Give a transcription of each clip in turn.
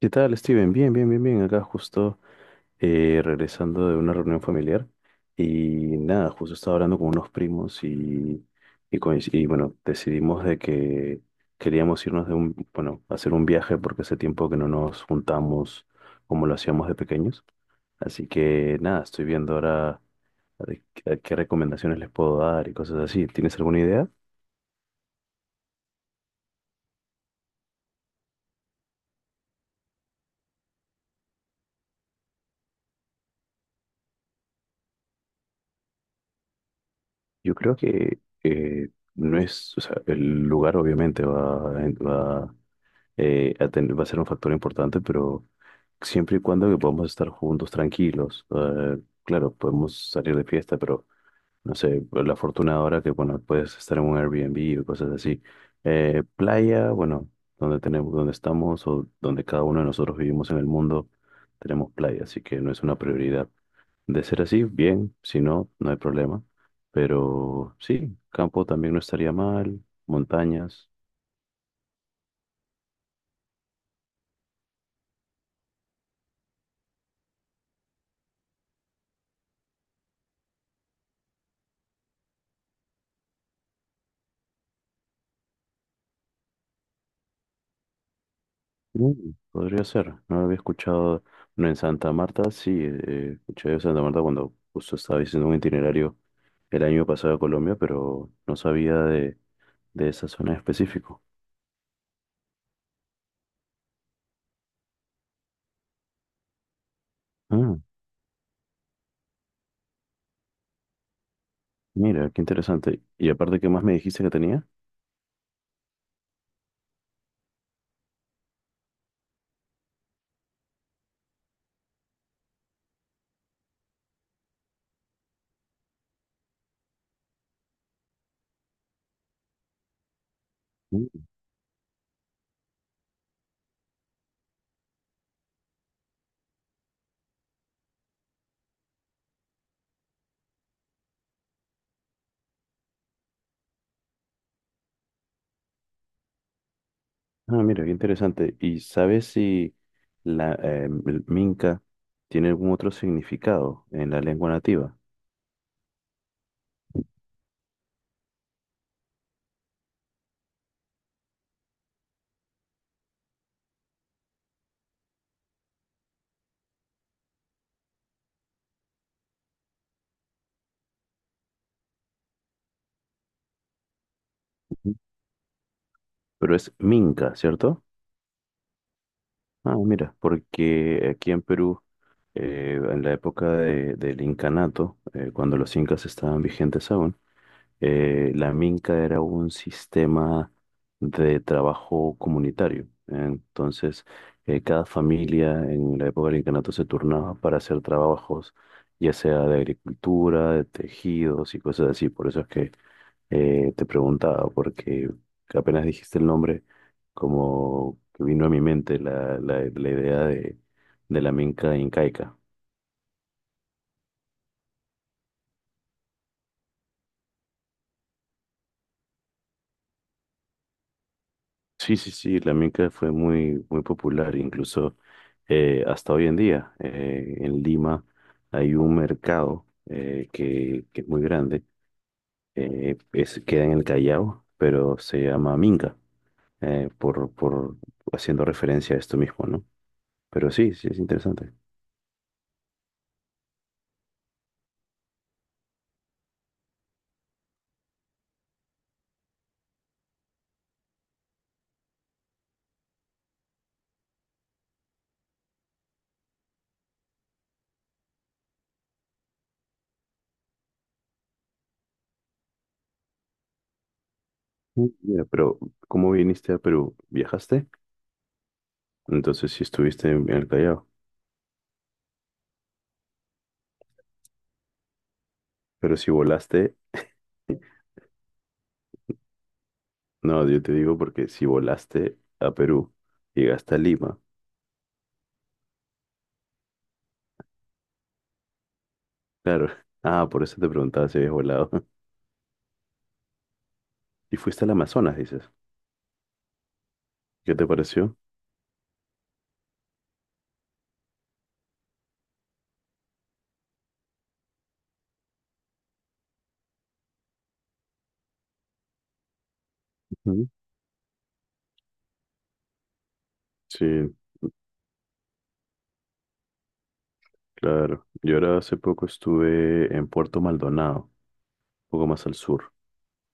¿Qué tal, Steven? Bien, bien, bien, bien. Acá justo regresando de una reunión familiar y nada, justo estaba hablando con unos primos y, bueno, decidimos de que queríamos irnos bueno, hacer un viaje porque hace tiempo que no nos juntamos como lo hacíamos de pequeños. Así que nada, estoy viendo ahora de qué recomendaciones les puedo dar y cosas así. ¿Tienes alguna idea? Yo creo que no es, o sea, el lugar obviamente va a ser un factor importante, pero siempre y cuando que podamos estar juntos, tranquilos. Claro, podemos salir de fiesta, pero no sé, pues, la fortuna ahora que, bueno, puedes estar en un Airbnb o cosas así. Playa, bueno, donde tenemos, donde estamos o donde cada uno de nosotros vivimos en el mundo, tenemos playa, así que no es una prioridad. De ser así, bien, si no, no hay problema. Pero sí, campo también no estaría mal, montañas. Mm, podría ser, no lo había escuchado. Bueno, en Santa Marta, sí, escuché de Santa Marta cuando justo estaba haciendo un itinerario el año pasado a Colombia, pero no sabía de esa zona en específico. Ah, mira, qué interesante. Y aparte, ¿qué más me dijiste que tenía? Mm. Ah, mira, qué interesante. ¿Y sabes si la el minca tiene algún otro significado en la lengua nativa? Ujú. Pero es minca, ¿cierto? Ah, mira, porque aquí en Perú en la época del incanato, cuando los incas estaban vigentes aún, la minca era un sistema de trabajo comunitario. Entonces, cada familia en la época del incanato se turnaba para hacer trabajos, ya sea de agricultura, de tejidos y cosas así. Por eso es que te preguntaba, porque apenas dijiste el nombre, como que vino a mi mente la idea de la minca incaica. Sí, sí, sí, la minca fue muy, muy popular, incluso hasta hoy en día. En Lima hay un mercado que es muy grande, queda en el Callao, pero se llama minca, por haciendo referencia a esto mismo, ¿no? Pero sí, sí, es interesante. Mm. Mira, pero ¿cómo viniste a Perú? ¿Viajaste? Entonces sí estuviste en el Callao, pero si volaste, no, yo te digo porque si volaste a Perú, llegaste a Lima. Claro. Ah, por eso te preguntaba si habías volado. Y fuiste al Amazonas, dices. ¿Qué te pareció? Ujú. Sí, claro. Yo ahora hace poco estuve en Puerto Maldonado, un poco más al sur.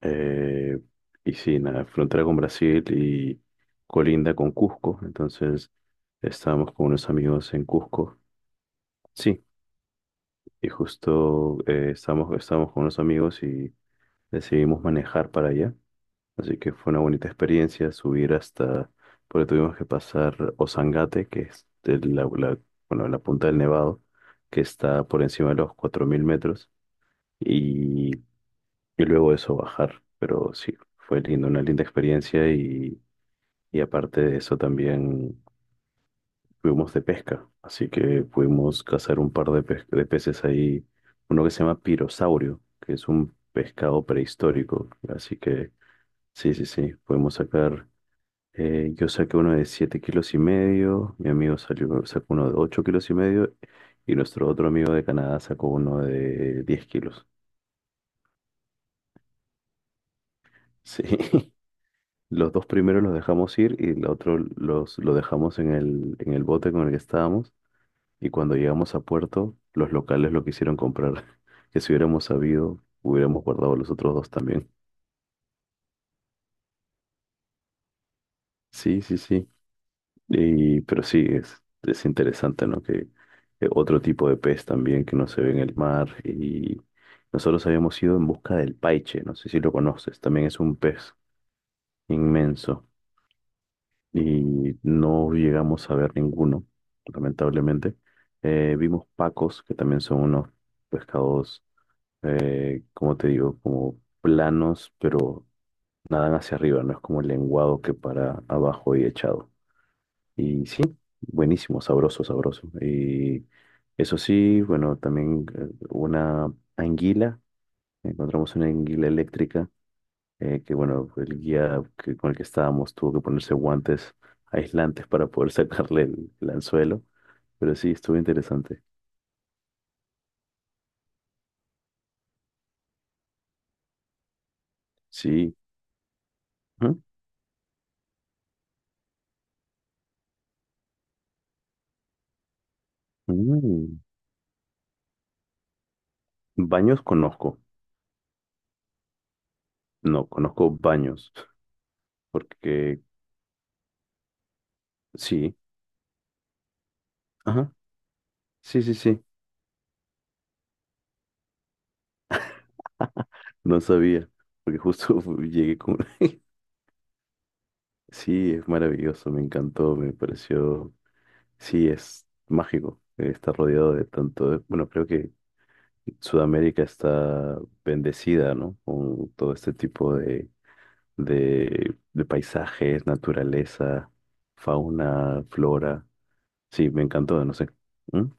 Eh, y sí, nada, frontera con Brasil y colinda con Cusco. Entonces estábamos con unos amigos en Cusco. Sí, y justo estábamos con unos amigos y decidimos manejar para allá. Así que fue una bonita experiencia subir hasta, porque tuvimos que pasar Ozangate, que es bueno, la punta del Nevado, que está por encima de los 4.000 metros, y, y luego eso bajar. Pero sí, fue lindo, una linda experiencia y aparte de eso también fuimos de pesca, así que pudimos cazar un par de peces ahí, uno que se llama pirosaurio, que es un pescado prehistórico, así que... Sí, sí, sí, podemos sacar. Yo saqué uno de 7 kilos y medio, mi amigo salió, sacó uno de 8 kilos y medio y nuestro otro amigo de Canadá sacó uno de 10 kilos. Sí. Los dos primeros los dejamos ir y el otro lo dejamos en en el bote con el que estábamos y cuando llegamos a puerto, los locales lo quisieron comprar. Que si hubiéramos sabido, hubiéramos guardado los otros dos también. Sí, sí, sí. Pero sí, es interesante, ¿no? Que otro tipo de pez también que no se ve en el mar. Y nosotros habíamos ido en busca del paiche, no sé si lo conoces, también es un pez inmenso. Y no llegamos a ver ninguno, lamentablemente. Vimos pacos, que también son unos pescados, como te digo, como planos, pero nadan hacia arriba, no es como el lenguado que para abajo y echado. Y sí, buenísimo, sabroso, sabroso. Y eso sí, bueno, también encontramos una anguila eléctrica, que bueno, el guía con el que estábamos tuvo que ponerse guantes aislantes para poder sacarle el anzuelo, pero sí, estuvo interesante. Sí. Ujú. Mm. Baños conozco, no, conozco baños, porque sí, ajá, sí, sí, sí, no sabía, porque justo llegué con... Sí, es maravilloso, me encantó, me pareció, sí, es mágico, está rodeado de tanto, bueno, creo que Sudamérica está bendecida, ¿no? Con todo este tipo de paisajes, naturaleza, fauna, flora, sí, me encantó, no sé. ¿Mm?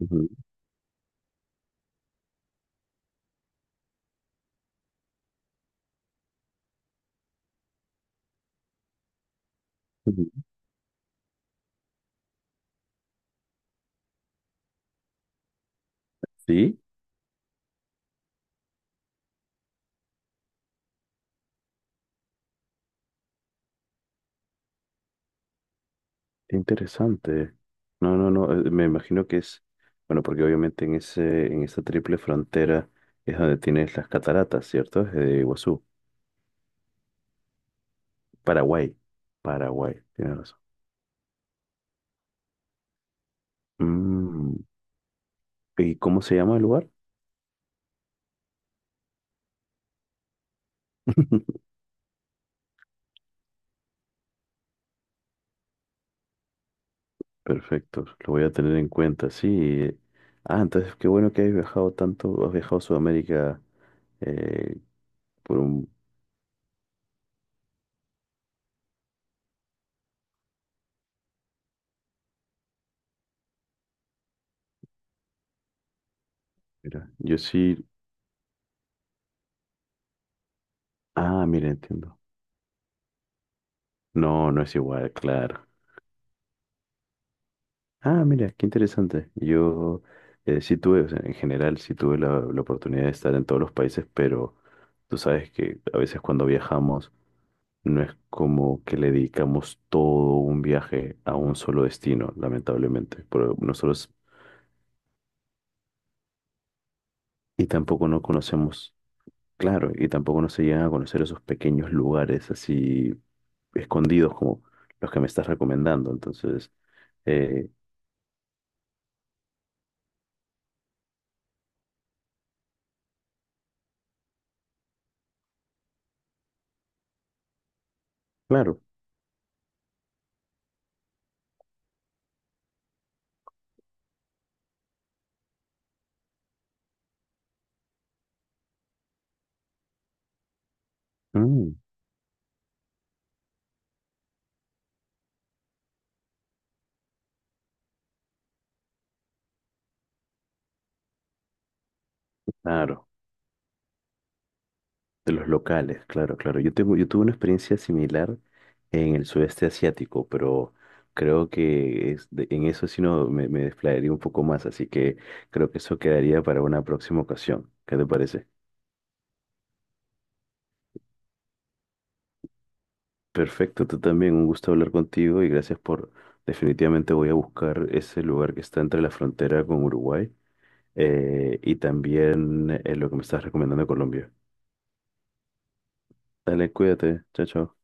Ujú, ujú. Sí, qué interesante. No, no, no, me imagino que es, bueno, porque obviamente en esa triple frontera es donde tienes las cataratas, ¿cierto? Es de Iguazú. Paraguay, Paraguay, tienes razón. Mm, ¿y cómo se llama el lugar? Perfecto, lo voy a tener en cuenta, sí. Ah, entonces qué bueno que hayas viajado tanto, has viajado a Sudamérica eh, por un... Mira, yo sí... Ah, mira, entiendo. No, no es igual, claro. Ah, mira, qué interesante. Yo sí tuve, o sea, en general, sí tuve la oportunidad de estar en todos los países, pero tú sabes que a veces cuando viajamos. No es como que le dedicamos todo un viaje a un solo destino, lamentablemente. Pero nosotros, y tampoco no conocemos, claro, y tampoco no se llegan a conocer esos pequeños lugares así escondidos como los que me estás recomendando. Entonces, eh, claro, mm, claro. De los locales, claro, claro. Yo tuve una experiencia similar en el sudeste asiático, pero creo que en eso sí no me desplayaría un poco más, así que creo que eso quedaría para una próxima ocasión. ¿Qué te parece? Perfecto, tú también, un gusto hablar contigo y gracias por, definitivamente voy a buscar ese lugar que está entre la frontera con Uruguay y también lo que me estás recomendando de Colombia. Dale, cuídate, chao, chao.